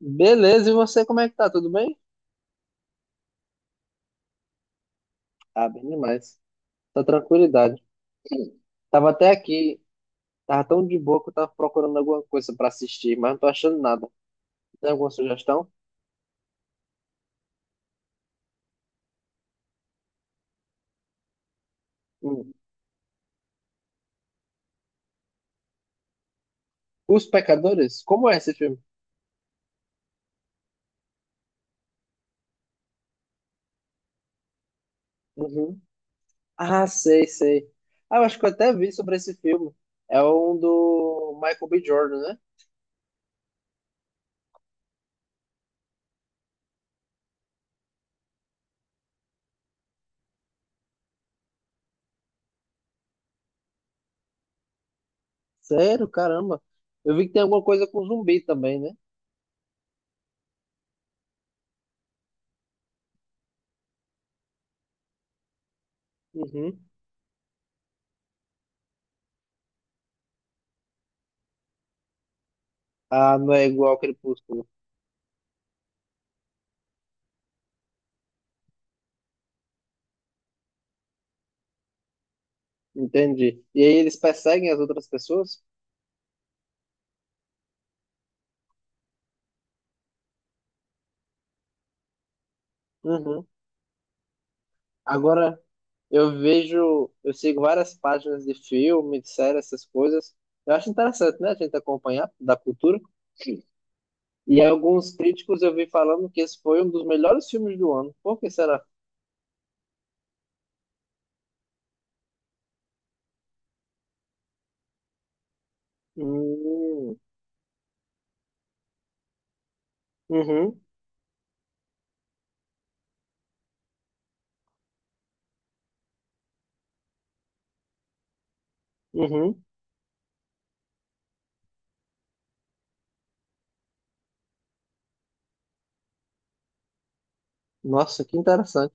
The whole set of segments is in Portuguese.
Beleza, e você como é que tá? Tudo bem? Tá bem demais. Tá tranquilidade. Tava até aqui, tava tão de boa que eu tava procurando alguma coisa pra assistir, mas não tô achando nada. Tem alguma sugestão? Hum. Os Pecadores? Como é esse filme? Uhum. Ah, sei, sei. Ah, eu acho que eu até vi sobre esse filme. É um do Michael B. Jordan, né? Sério, caramba. Eu vi que tem alguma coisa com zumbi também, né? Uhum. Ah, não é igual ao Crepúsculo. Entendi. E aí eles perseguem as outras pessoas? Uhum. Agora eu sigo várias páginas de filme, de série, essas coisas. Eu acho interessante, né, a gente acompanhar da cultura. E alguns críticos eu vi falando que esse foi um dos melhores filmes do ano. Por que será? Hum, uhum, uhum. Nossa, que interessante.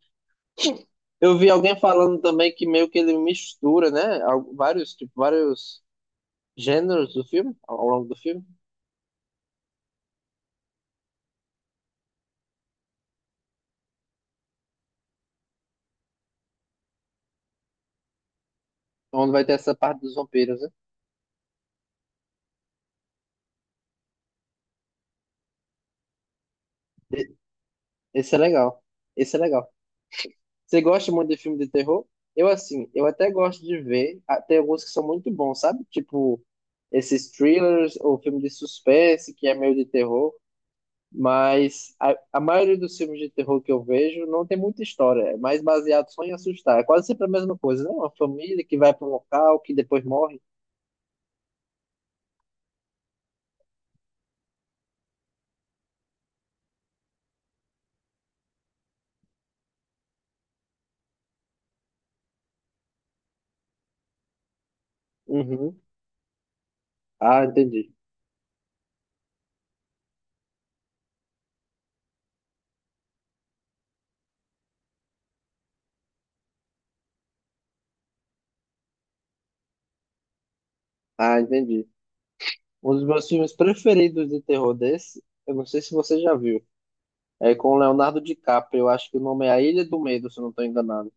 Eu vi alguém falando também que meio que ele mistura, né, tipo, vários gêneros do filme, ao longo do filme. Então, onde vai ter essa parte dos vampiros, né? Esse é legal. Esse é legal. Você gosta muito de filme de terror? Eu, assim, eu até gosto de ver. Ah, tem alguns que são muito bons, sabe? Tipo, esses thrillers ou filme de suspense, que é meio de terror. Mas a maioria dos filmes de terror que eu vejo não tem muita história. É mais baseado só em assustar. É quase sempre a mesma coisa, né? Uma família que vai para um local, que depois morre. Uhum. Ah, entendi. Ah, entendi. Um dos meus filmes preferidos de terror desse, eu não sei se você já viu, é com o Leonardo DiCaprio. Eu acho que o nome é A Ilha do Medo, se eu não estou enganado.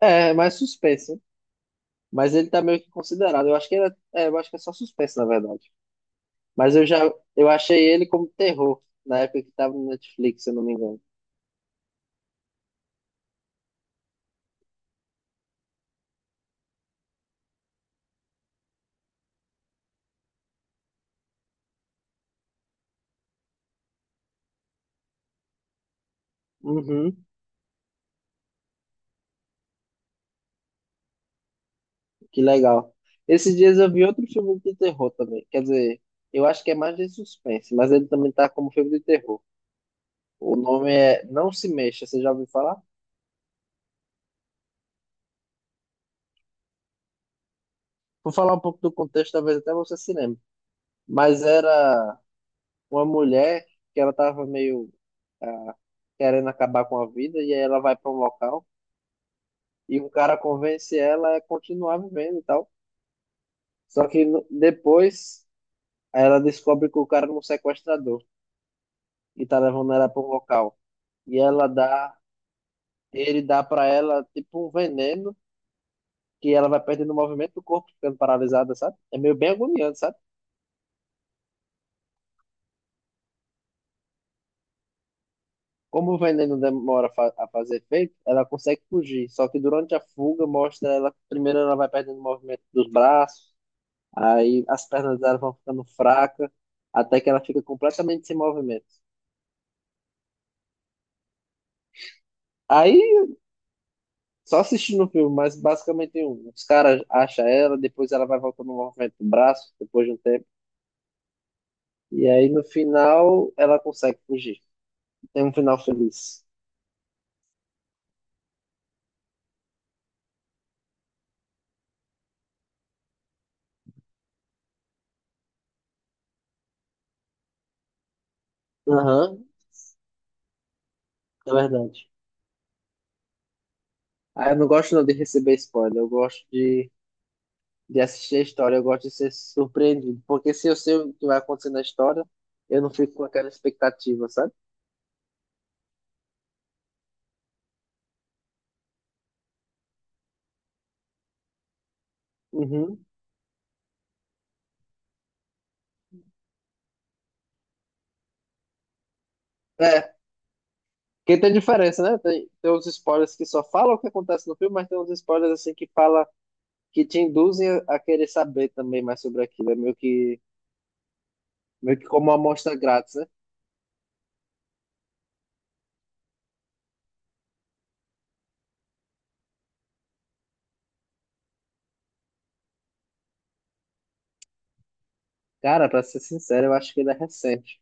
É, é mais suspense. Mas ele tá meio que considerado. Eu acho que ele é, é, eu acho que é só suspense, na verdade. Mas eu achei ele como terror na época que tava no Netflix, se eu não me engano. Uhum, que legal. Esses dias eu vi outro filme de terror também. Quer dizer, eu acho que é mais de suspense, mas ele também tá como filme de terror. O nome é Não Se Mexa, você já ouviu falar? Vou falar um pouco do contexto, talvez até você se lembre. Mas era uma mulher que ela tava meio ah, querendo acabar com a vida, e aí ela vai para um local e um cara convence ela a continuar vivendo e tal. Só que depois ela descobre que o cara é um sequestrador e tá levando ela para um local. E ela dá, ele dá para ela tipo um veneno que ela vai perdendo o movimento do corpo, ficando paralisada, sabe? É meio bem agoniante, sabe? Como o veneno demora a fazer efeito, ela consegue fugir. Só que durante a fuga mostra ela, primeiro ela vai perdendo o movimento dos braços, aí as pernas dela vão ficando fracas, até que ela fica completamente sem movimento. Aí, só assistindo o filme, mas basicamente tem os caras acham ela, depois ela vai voltando o movimento do braço, depois de um tempo. E aí no final ela consegue fugir. Tem um final feliz. Aham, é verdade. Ah, eu não gosto não de receber spoiler, eu gosto de assistir a história, eu gosto de ser surpreendido, porque se eu sei o que vai acontecer na história, eu não fico com aquela expectativa, sabe? Uhum. É, porque tem diferença, né? Tem uns spoilers que só falam o que acontece no filme, mas tem uns spoilers assim que fala que te induzem a querer saber também mais sobre aquilo. É meio que como uma amostra grátis, né? Cara, pra ser sincero, eu acho que ele é recente.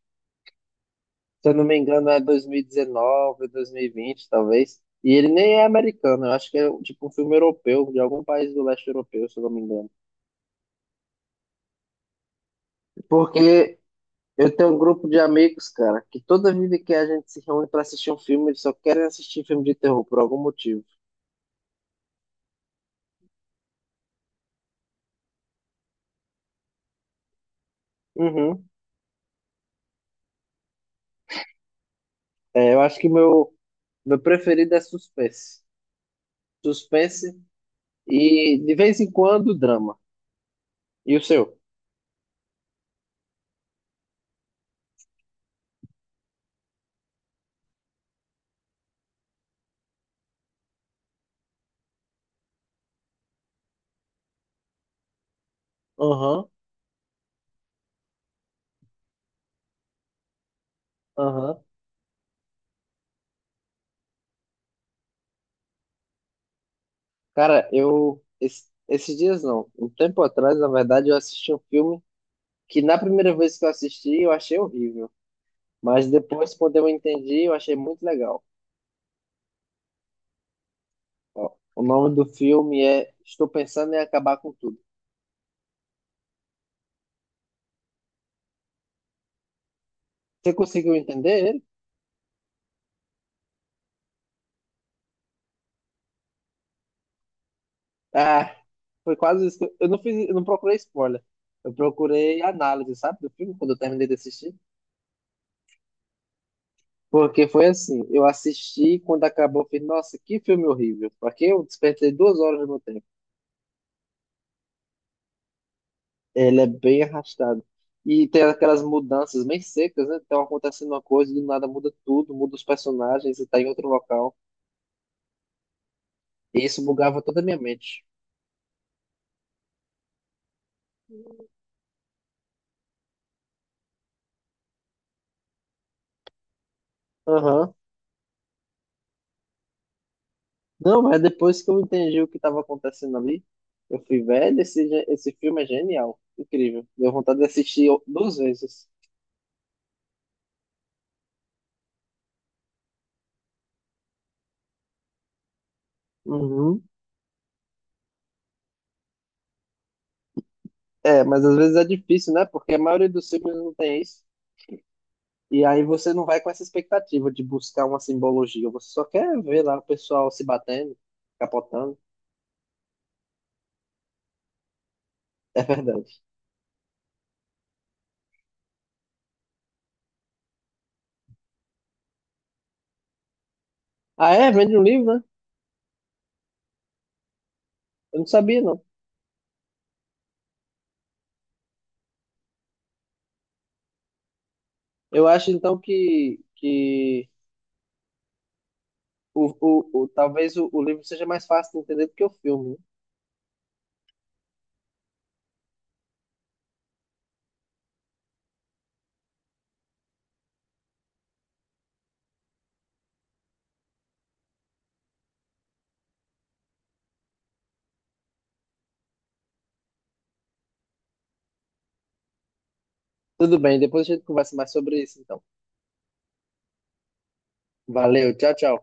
Se eu não me engano, é dois mil e dezenove, 2020, talvez. E ele nem é americano, eu acho que é tipo um filme europeu, de algum país do leste europeu, se eu não me engano. Porque eu tenho um grupo de amigos, cara, que toda vida que a gente se reúne pra assistir um filme, eles só querem assistir filme de terror por algum motivo. Uhum. É, eu acho que meu preferido é suspense. Suspense e, de vez em quando, drama. E o seu? Aham, aham. Cara, esses dias não. Um tempo atrás, na verdade, eu assisti um filme que, na primeira vez que eu assisti, eu achei horrível. Mas depois, quando eu entendi, eu achei muito legal. Ó, o nome do filme é Estou Pensando em Acabar com Tudo. Você conseguiu entender ele? Ah, foi quase isso, que eu não fiz, eu não procurei spoiler. Eu procurei análise, sabe, do filme quando eu terminei de assistir. Porque foi assim, eu assisti quando acabou, eu falei, nossa, que filme horrível. Porque eu despertei 2 horas do meu tempo. Ele é bem arrastado. E tem aquelas mudanças bem secas, né? Então acontecendo uma coisa, do nada muda tudo, muda os personagens e tá em outro local. E isso bugava toda a minha mente. Aham, não, mas depois que eu entendi o que estava acontecendo ali, eu fui, velho, esse filme é genial, incrível. Deu vontade de assistir duas vezes. Uhum. É, mas às vezes é difícil, né? Porque a maioria dos filmes não tem isso. E aí você não vai com essa expectativa de buscar uma simbologia. Você só quer ver lá o pessoal se batendo, capotando. É verdade. Ah, é? Vende um livro, né? Eu não sabia, não. Eu acho, então, que talvez o livro seja mais fácil de entender do que o filme, né? Tudo bem, depois a gente conversa mais sobre isso, então. Valeu, tchau, tchau.